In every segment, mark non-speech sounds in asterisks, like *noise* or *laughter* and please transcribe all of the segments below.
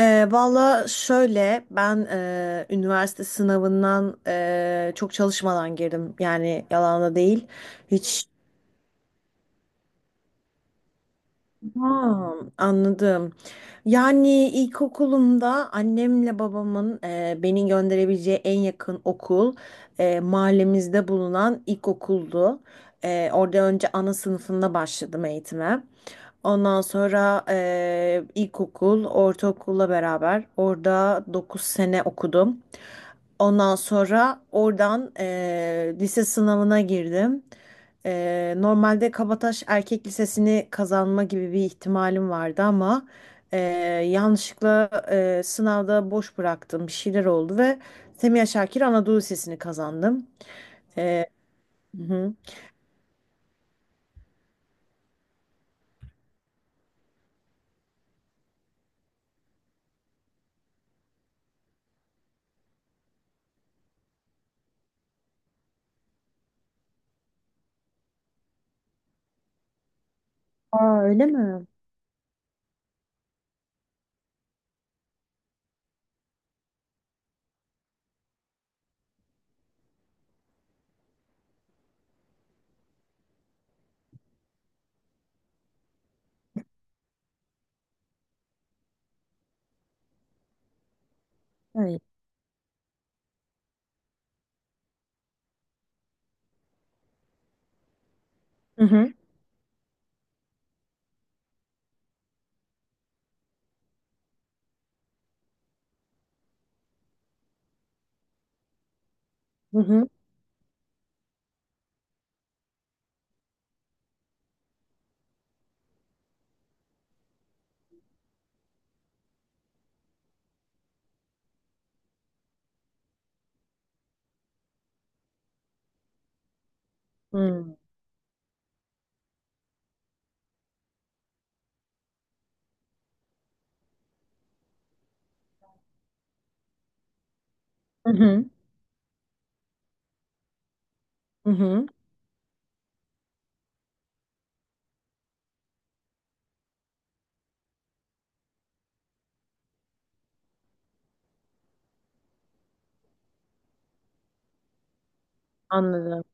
Valla şöyle ben üniversite sınavından çok çalışmadan girdim, yani yalan da değil hiç. Ha, anladım. Yani ilkokulumda annemle babamın beni gönderebileceği en yakın okul mahallemizde bulunan ilkokuldu. Orada önce ana sınıfında başladım eğitime. Ondan sonra ilkokul ortaokulla beraber orada 9 sene okudum. Ondan sonra oradan lise sınavına girdim. Normalde Kabataş Erkek Lisesi'ni kazanma gibi bir ihtimalim vardı ama eee, yanlışlıkla sınavda boş bıraktım. Bir şeyler oldu ve Semiha Şakir Anadolu Lisesi'ni kazandım. Eee, hı hı. Aa, öyle mi? Hayır. Hı hı. Hı hı. Hı hı. Hı hı. Hı hı. Anladım.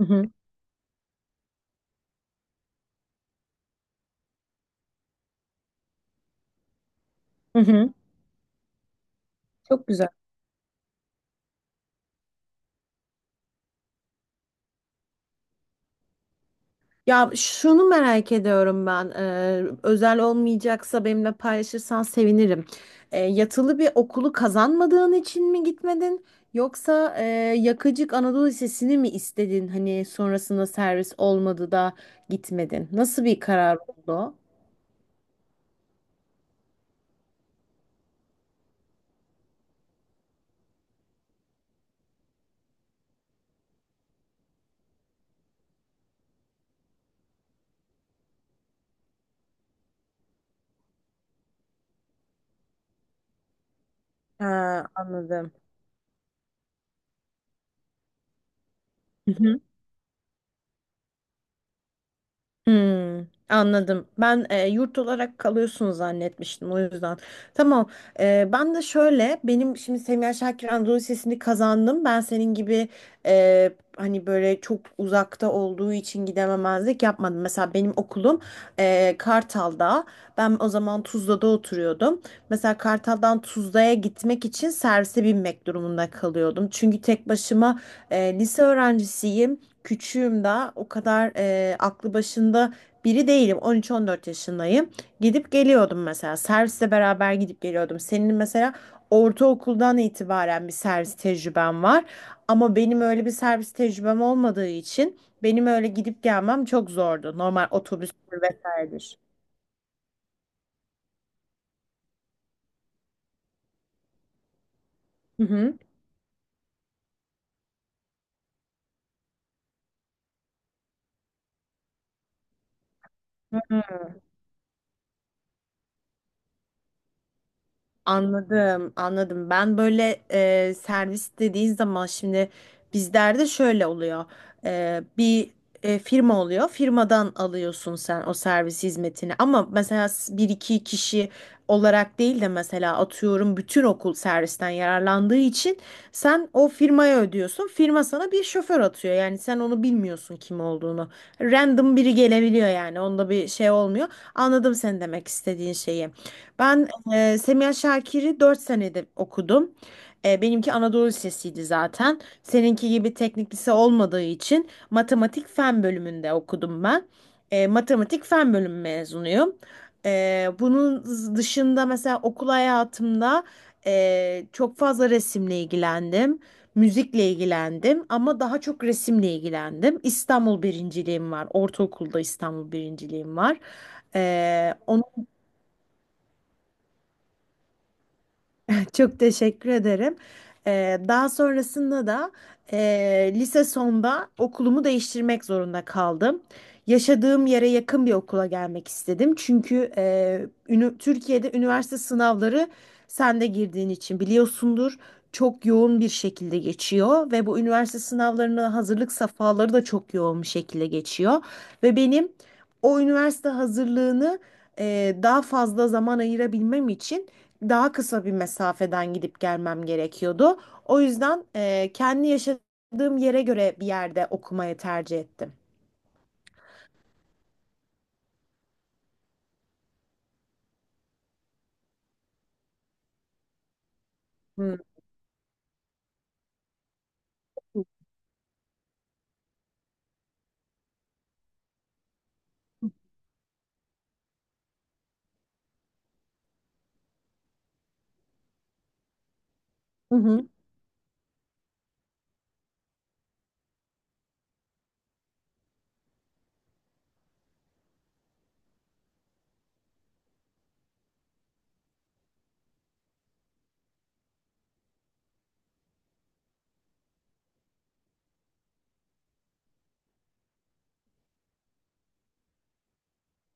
Hı hı. Hı hı. Çok güzel. Ya şunu merak ediyorum ben. Özel olmayacaksa benimle paylaşırsan sevinirim. Yatılı bir okulu kazanmadığın için mi gitmedin? Yoksa Yakıcık Anadolu Lisesi'ni mi istedin? Hani sonrasında servis olmadı da gitmedin. Nasıl bir karar oldu o? Ha, anladım. Hı hı. Hmm, anladım. Ben yurt olarak kalıyorsun zannetmiştim o yüzden. Tamam. E, ben de şöyle, benim şimdi Semiha Şakir Anadolu Lisesi'ni kazandım. Ben senin gibi e, hani böyle çok uzakta olduğu için gidememezlik yapmadım. Mesela benim okulum Kartal'da. Ben o zaman Tuzla'da oturuyordum. Mesela Kartal'dan Tuzla'ya gitmek için servise binmek durumunda kalıyordum. Çünkü tek başıma lise öğrencisiyim, küçüğüm daha, o kadar aklı başında biri değilim. 13-14 yaşındayım. Gidip geliyordum mesela. Servisle beraber gidip geliyordum. Senin mesela ortaokuldan itibaren bir servis tecrüben var. Ama benim öyle bir servis tecrübem olmadığı için benim öyle gidip gelmem çok zordu. Normal otobüs vesairedir. Hı hı. Anladım, anladım. Ben böyle servis dediğin zaman şimdi bizlerde şöyle oluyor. Bir firma oluyor. Firmadan alıyorsun sen o servis hizmetini. Ama mesela bir iki kişi olarak değil de mesela atıyorum bütün okul servisten yararlandığı için sen o firmaya ödüyorsun. Firma sana bir şoför atıyor. Yani sen onu bilmiyorsun kim olduğunu. Random biri gelebiliyor yani. Onda bir şey olmuyor. Anladım sen demek istediğin şeyi. Ben Semiha Şakir'i 4 senede okudum. Benimki Anadolu Lisesi'ydi zaten. Seninki gibi teknik lise olmadığı için matematik fen bölümünde okudum ben. Matematik fen bölümü mezunuyum. Bunun dışında mesela okul hayatımda çok fazla resimle ilgilendim. Müzikle ilgilendim ama daha çok resimle ilgilendim. İstanbul birinciliğim var. Ortaokulda İstanbul birinciliğim var. Ee, *laughs* Çok teşekkür ederim. Daha sonrasında da e, lise sonda okulumu değiştirmek zorunda kaldım. Yaşadığım yere yakın bir okula gelmek istedim. Çünkü Türkiye'de üniversite sınavları, sen de girdiğin için biliyorsundur, çok yoğun bir şekilde geçiyor ve bu üniversite sınavlarına hazırlık safhaları da çok yoğun bir şekilde geçiyor. Ve benim o üniversite hazırlığını daha fazla zaman ayırabilmem için daha kısa bir mesafeden gidip gelmem gerekiyordu. O yüzden kendi yaşadığım yere göre bir yerde okumayı tercih ettim. Hı. Hı hı.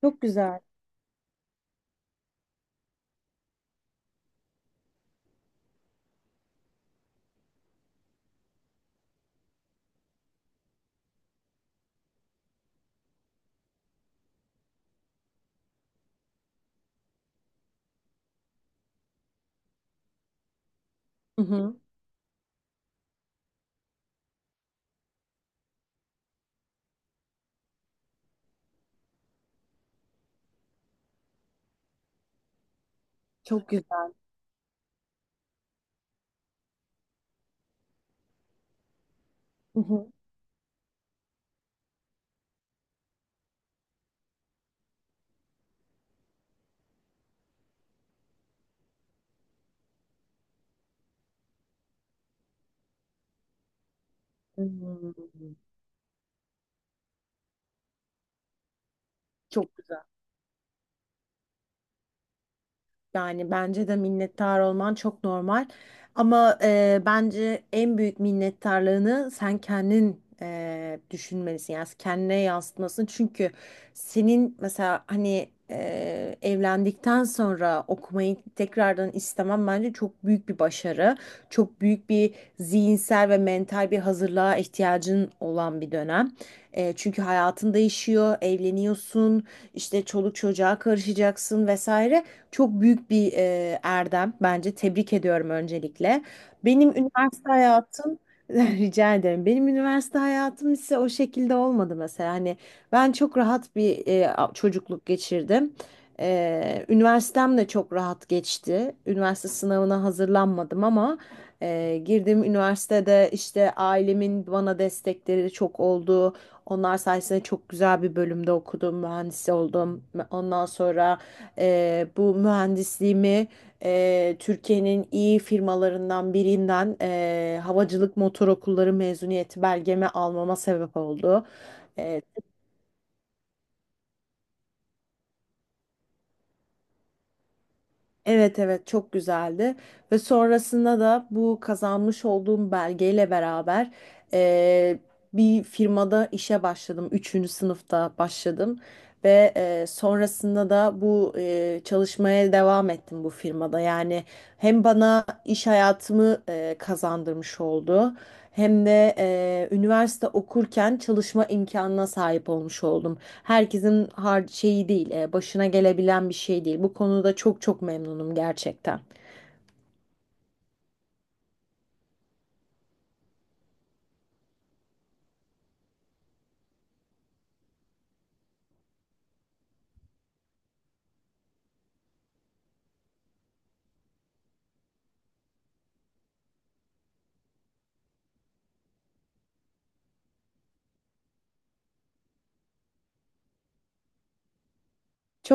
Çok güzel. Hı hı. Çok güzel. Hı hı. Hmm. Çok güzel. Yani bence de minnettar olman çok normal. Ama bence en büyük minnettarlığını sen kendin düşünmelisin. Yani kendine yansıtmasın. Çünkü senin mesela hani evlendikten sonra okumayı tekrardan istemem bence çok büyük bir başarı. Çok büyük bir zihinsel ve mental bir hazırlığa ihtiyacın olan bir dönem. Çünkü hayatın değişiyor, evleniyorsun, işte çoluk çocuğa karışacaksın vesaire. Çok büyük bir erdem bence. Tebrik ediyorum öncelikle. Benim üniversite hayatım *laughs* rica ederim. Benim üniversite hayatım ise o şekilde olmadı mesela. Hani ben çok rahat bir çocukluk geçirdim. Üniversitem de çok rahat geçti. Üniversite sınavına hazırlanmadım ama girdiğim üniversitede işte ailemin bana destekleri çok oldu. Onlar sayesinde çok güzel bir bölümde okudum, mühendis oldum. Ondan sonra bu mühendisliğimi Türkiye'nin iyi firmalarından birinden havacılık motor okulları mezuniyeti belgemi almama sebep oldu. Eee, evet, evet, çok güzeldi ve sonrasında da bu kazanmış olduğum belgeyle beraber eee, bir firmada işe başladım. Üçüncü sınıfta başladım. Ve sonrasında da bu çalışmaya devam ettim bu firmada. Yani hem bana iş hayatımı kazandırmış oldu, hem de üniversite okurken çalışma imkanına sahip olmuş oldum. Herkesin har şeyi değil, başına gelebilen bir şey değil. Bu konuda çok çok memnunum gerçekten. Çok